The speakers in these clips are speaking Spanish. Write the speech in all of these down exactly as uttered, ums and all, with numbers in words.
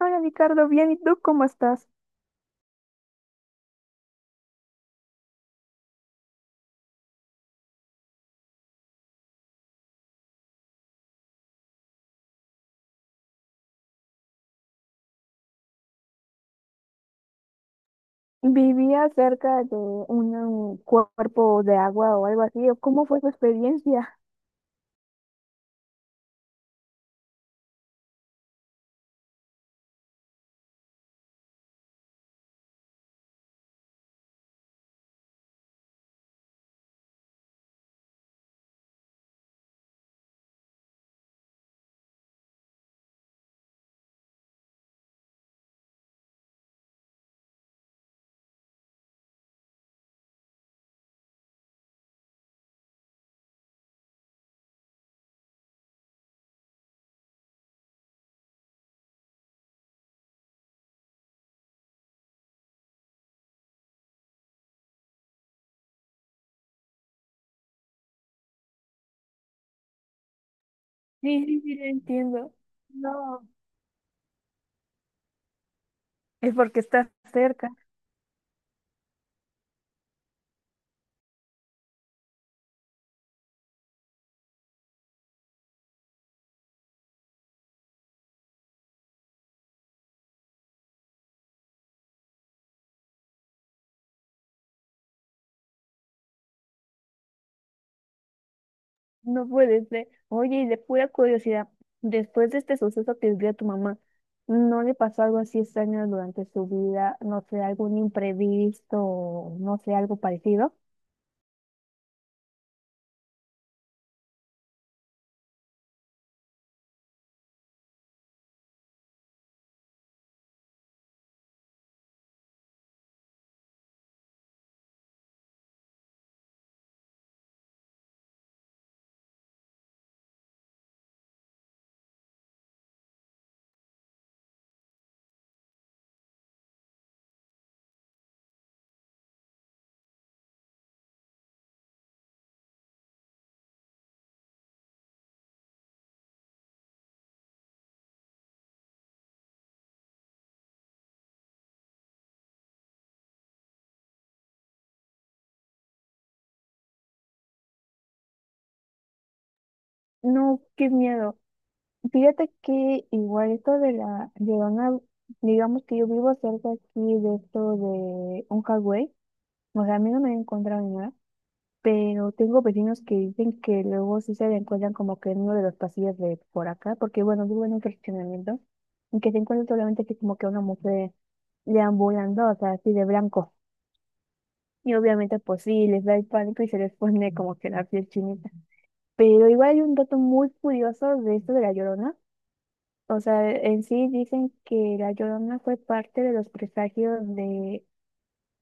Hola Ricardo, bien, ¿y tú cómo estás? ¿Vivía cerca de un cuerpo de agua o algo así? ¿O cómo fue su experiencia? Sí, sí, sí, lo entiendo. No, es porque estás cerca, no puede ser. Oye, y de pura curiosidad, después de este suceso que vivió tu mamá, ¿no le pasó algo así extraño durante su vida? No sé, algún imprevisto, o no sé, algo parecido. No, qué miedo. Fíjate que igual esto de la Llorona, digamos que yo vivo cerca aquí de esto de un highway, o sea, a mí no me he encontrado ni nada, pero tengo vecinos que dicen que luego sí se la encuentran como que en uno de los pasillos de por acá, porque bueno, vivo en un fraccionamiento, y que se encuentra solamente así como que una mujer deambulando, o sea, así de blanco. Y obviamente pues sí, les da el pánico y se les pone como que la piel chinita. Pero igual hay un dato muy curioso de esto de la Llorona. O sea, en sí dicen que la Llorona fue parte de los presagios de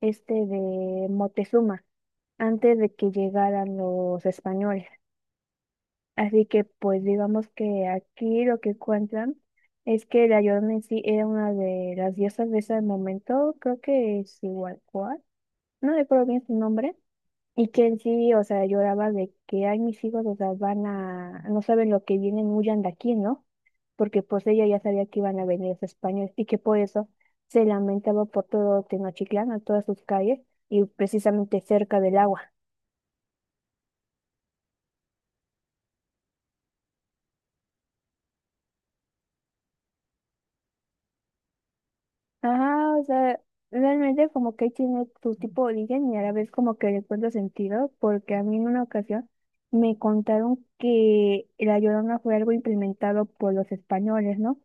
este de Moctezuma antes de que llegaran los españoles. Así que pues digamos que aquí lo que cuentan es que la Llorona en sí era una de las diosas de ese momento, creo que es igual cual, no recuerdo bien su nombre, y que en sí, o sea, lloraba de que, ay, mis hijos, o sea, van a, no saben lo que vienen, huyan de aquí, ¿no? Porque pues ella ya sabía que iban a venir los españoles y que por eso se lamentaba por todo Tenochtitlán, a todas sus calles y precisamente cerca del agua. Ajá, o sea, realmente como que tiene su tipo de origen y a la vez como que le encuentro sentido, porque a mí en una ocasión me contaron que la Llorona fue algo implementado por los españoles, ¿no?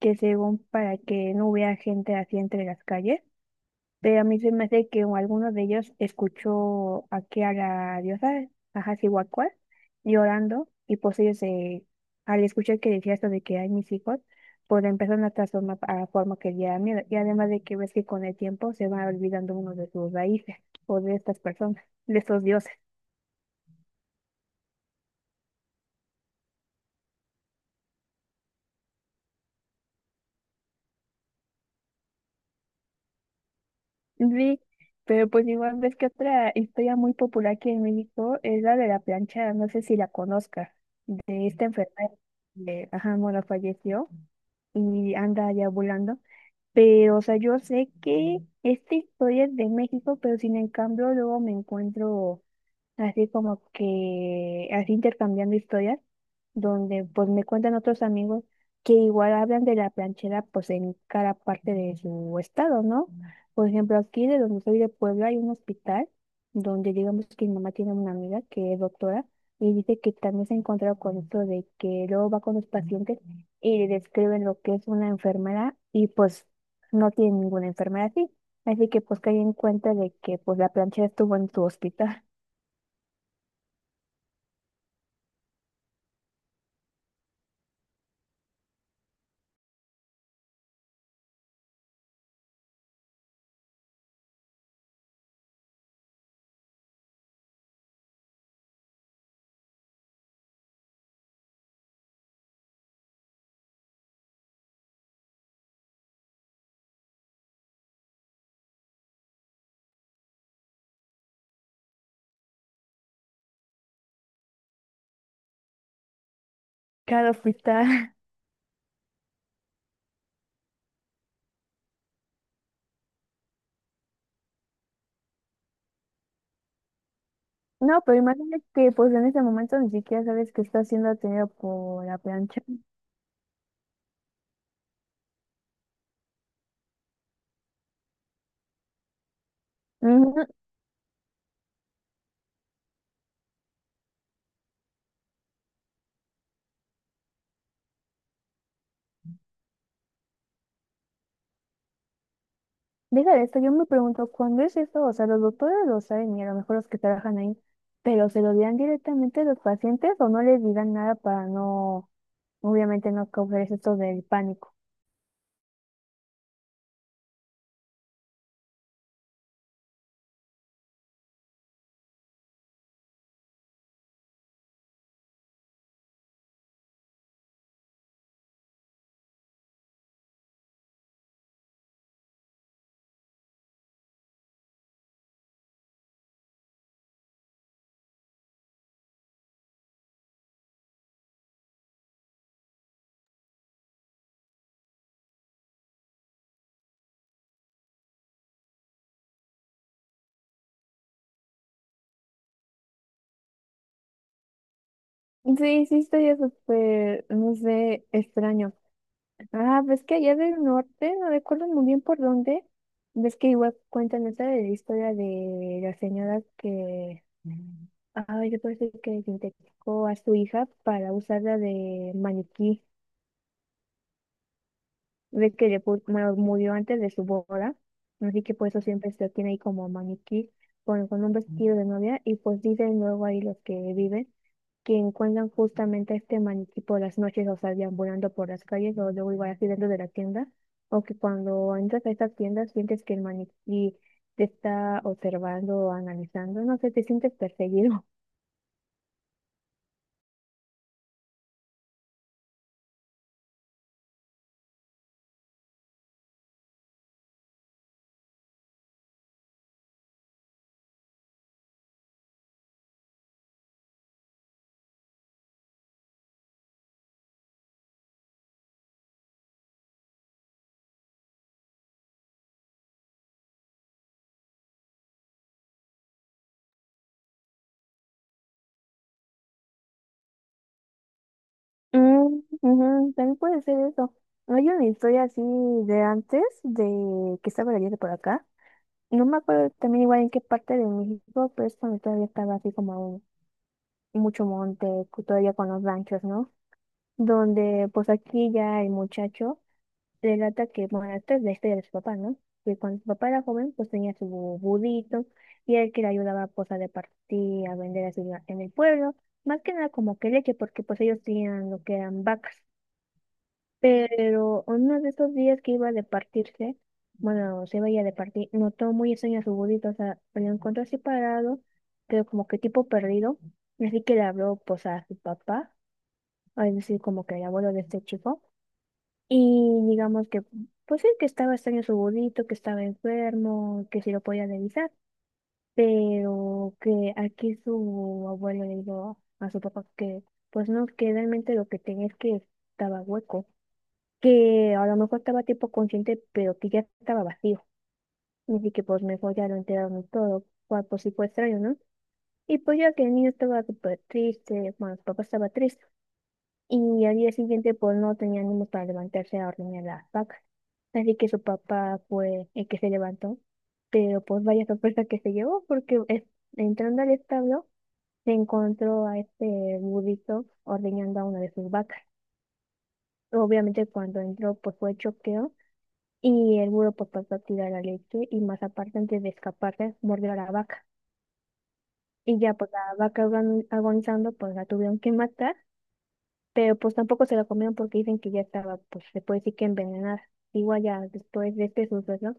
Que según para que no hubiera gente así entre las calles. Pero a mí se me hace que alguno de ellos escuchó aquí a la diosa, a Hacihuacuas, llorando, y pues ellos, eh, al escuchar que decía esto de que hay mis hijos, pues le empezaron a transformar a la forma que le da miedo. Y además de que ves que con el tiempo se va olvidando uno de sus raíces, o de estas personas, de estos dioses. Sí, pero pues igual ves que otra historia muy popular aquí en México es la de la plancha, no sé si la conozcas, de esta enfermera que, ajá, bueno, falleció y anda ya volando. Pero, o sea, yo sé que esta historia es de México, pero sin en cambio luego me encuentro así como que así intercambiando historias, donde pues me cuentan otros amigos que igual hablan de la planchera pues en cada parte de su estado, ¿no? Por ejemplo, aquí de donde soy de Puebla hay un hospital donde digamos que mi mamá tiene una amiga que es doctora y dice que también se ha encontrado con esto de que luego va con los pacientes y le describen lo que es una enfermera y pues no tiene ninguna enfermera así. Así que pues caí en cuenta de que pues la planchera estuvo en su hospital. Claro, frita. No, pero imagínate que pues en este momento ni siquiera sabes que está siendo atendido por la plancha. Ujú. Deja de esto, yo me pregunto, ¿cuándo es esto? O sea, los doctores lo saben y a lo mejor los que trabajan ahí, pero ¿se lo dirán directamente a los pacientes o no les dirán nada para no, obviamente no causar esto del pánico? Sí, sí, estoy súper, no sé, extraño. Ah, ves que allá del norte, no recuerdo muy bien por dónde, ves que igual cuentan esa de la historia de la señora que, ah, yo parece que sintetizó a su hija para usarla de maniquí, ve que le pu- bueno, murió antes de su boda, así que por eso siempre se la tiene ahí como maniquí, con, con un vestido de novia, y pues dicen luego ahí los que viven, que encuentran justamente este maniquí por las noches, o sea, deambulando por las calles o luego igual así dentro de la tienda, o que cuando entras a estas tiendas sientes que el maniquí te está observando o analizando, no sé, te sientes perseguido. Mm, ujú, también puede ser eso. Hay una historia así de antes, de que estaba leyendo por acá. No me acuerdo también igual en qué parte de México, pero es cuando todavía estaba así como mucho monte, cu- todavía con los ranchos, ¿no? Donde pues aquí ya el muchacho relata que, bueno, esta es la historia de su papá, ¿no? Que cuando su papá era joven, pues tenía su budito y él que le ayudaba pues a repartir, a vender así la- en el pueblo, más que nada como que leche, porque pues ellos tenían lo que eran vacas. Pero uno de esos días que iba a departirse, bueno, se veía a ir a departir, notó muy extraño a su budito, o sea, lo encontró así parado, pero como que tipo perdido, así que le habló pues a su papá, es decir, como que el abuelo de este chico y digamos que, pues sí, que estaba extraño su abuelito, que estaba enfermo, que si lo podía revisar, pero que aquí su abuelo le dijo a su papá que, pues no, que realmente lo que tenía es que estaba hueco, que a lo mejor estaba tipo consciente, pero que ya estaba vacío. Así que pues mejor ya lo enteraron todo, cual pues sí fue extraño, ¿no? Y pues ya que el niño estaba súper triste, bueno, su papá estaba triste y al día siguiente pues no tenía ánimo para levantarse a ordeñar las vacas. Así que su papá fue el que se levantó, pero pues vaya sorpresa que se llevó porque es- entrando al establo se encontró a este burrito ordeñando a una de sus vacas. Obviamente cuando entró pues fue choqueo y el burro pues pasó a tirar la leche y más aparte antes de escaparse mordió a la vaca. Y ya pues la vaca agon- agonizando pues la tuvieron que matar pero pues tampoco se la comieron porque dicen que ya estaba, pues se puede decir que envenenada. Igual ya después de este suceso,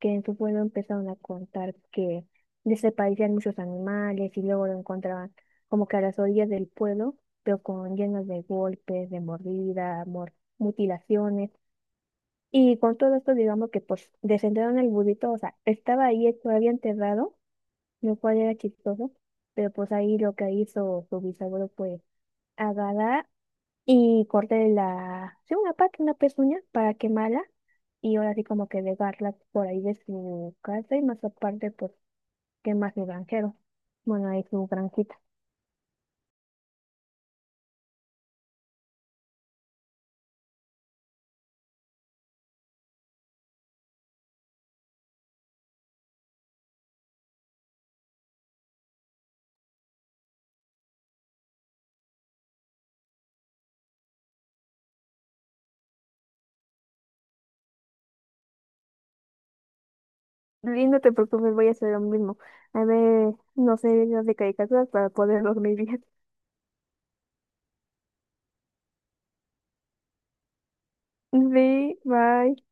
que en su pueblo empezaron a contar que desaparecían muchos animales y luego lo encontraban como que a las orillas del pueblo, pero con llenos de golpes, de mordida, mor- mutilaciones. Y con todo esto, digamos que pues descendieron al burrito, o sea, estaba ahí todavía enterrado, lo cual era chistoso, pero pues ahí lo que hizo su bisabuelo fue agarrar y corté la, sí, una pata, una pezuña para quemarla y ahora sí como que dejarla por ahí de su casa y más aparte pues quemar su granjero. Bueno, ahí su granjita. Y no te preocupes, voy a hacer lo mismo. A ver, no sé, videos de caricaturas para poder dormir bien. Sí, bye.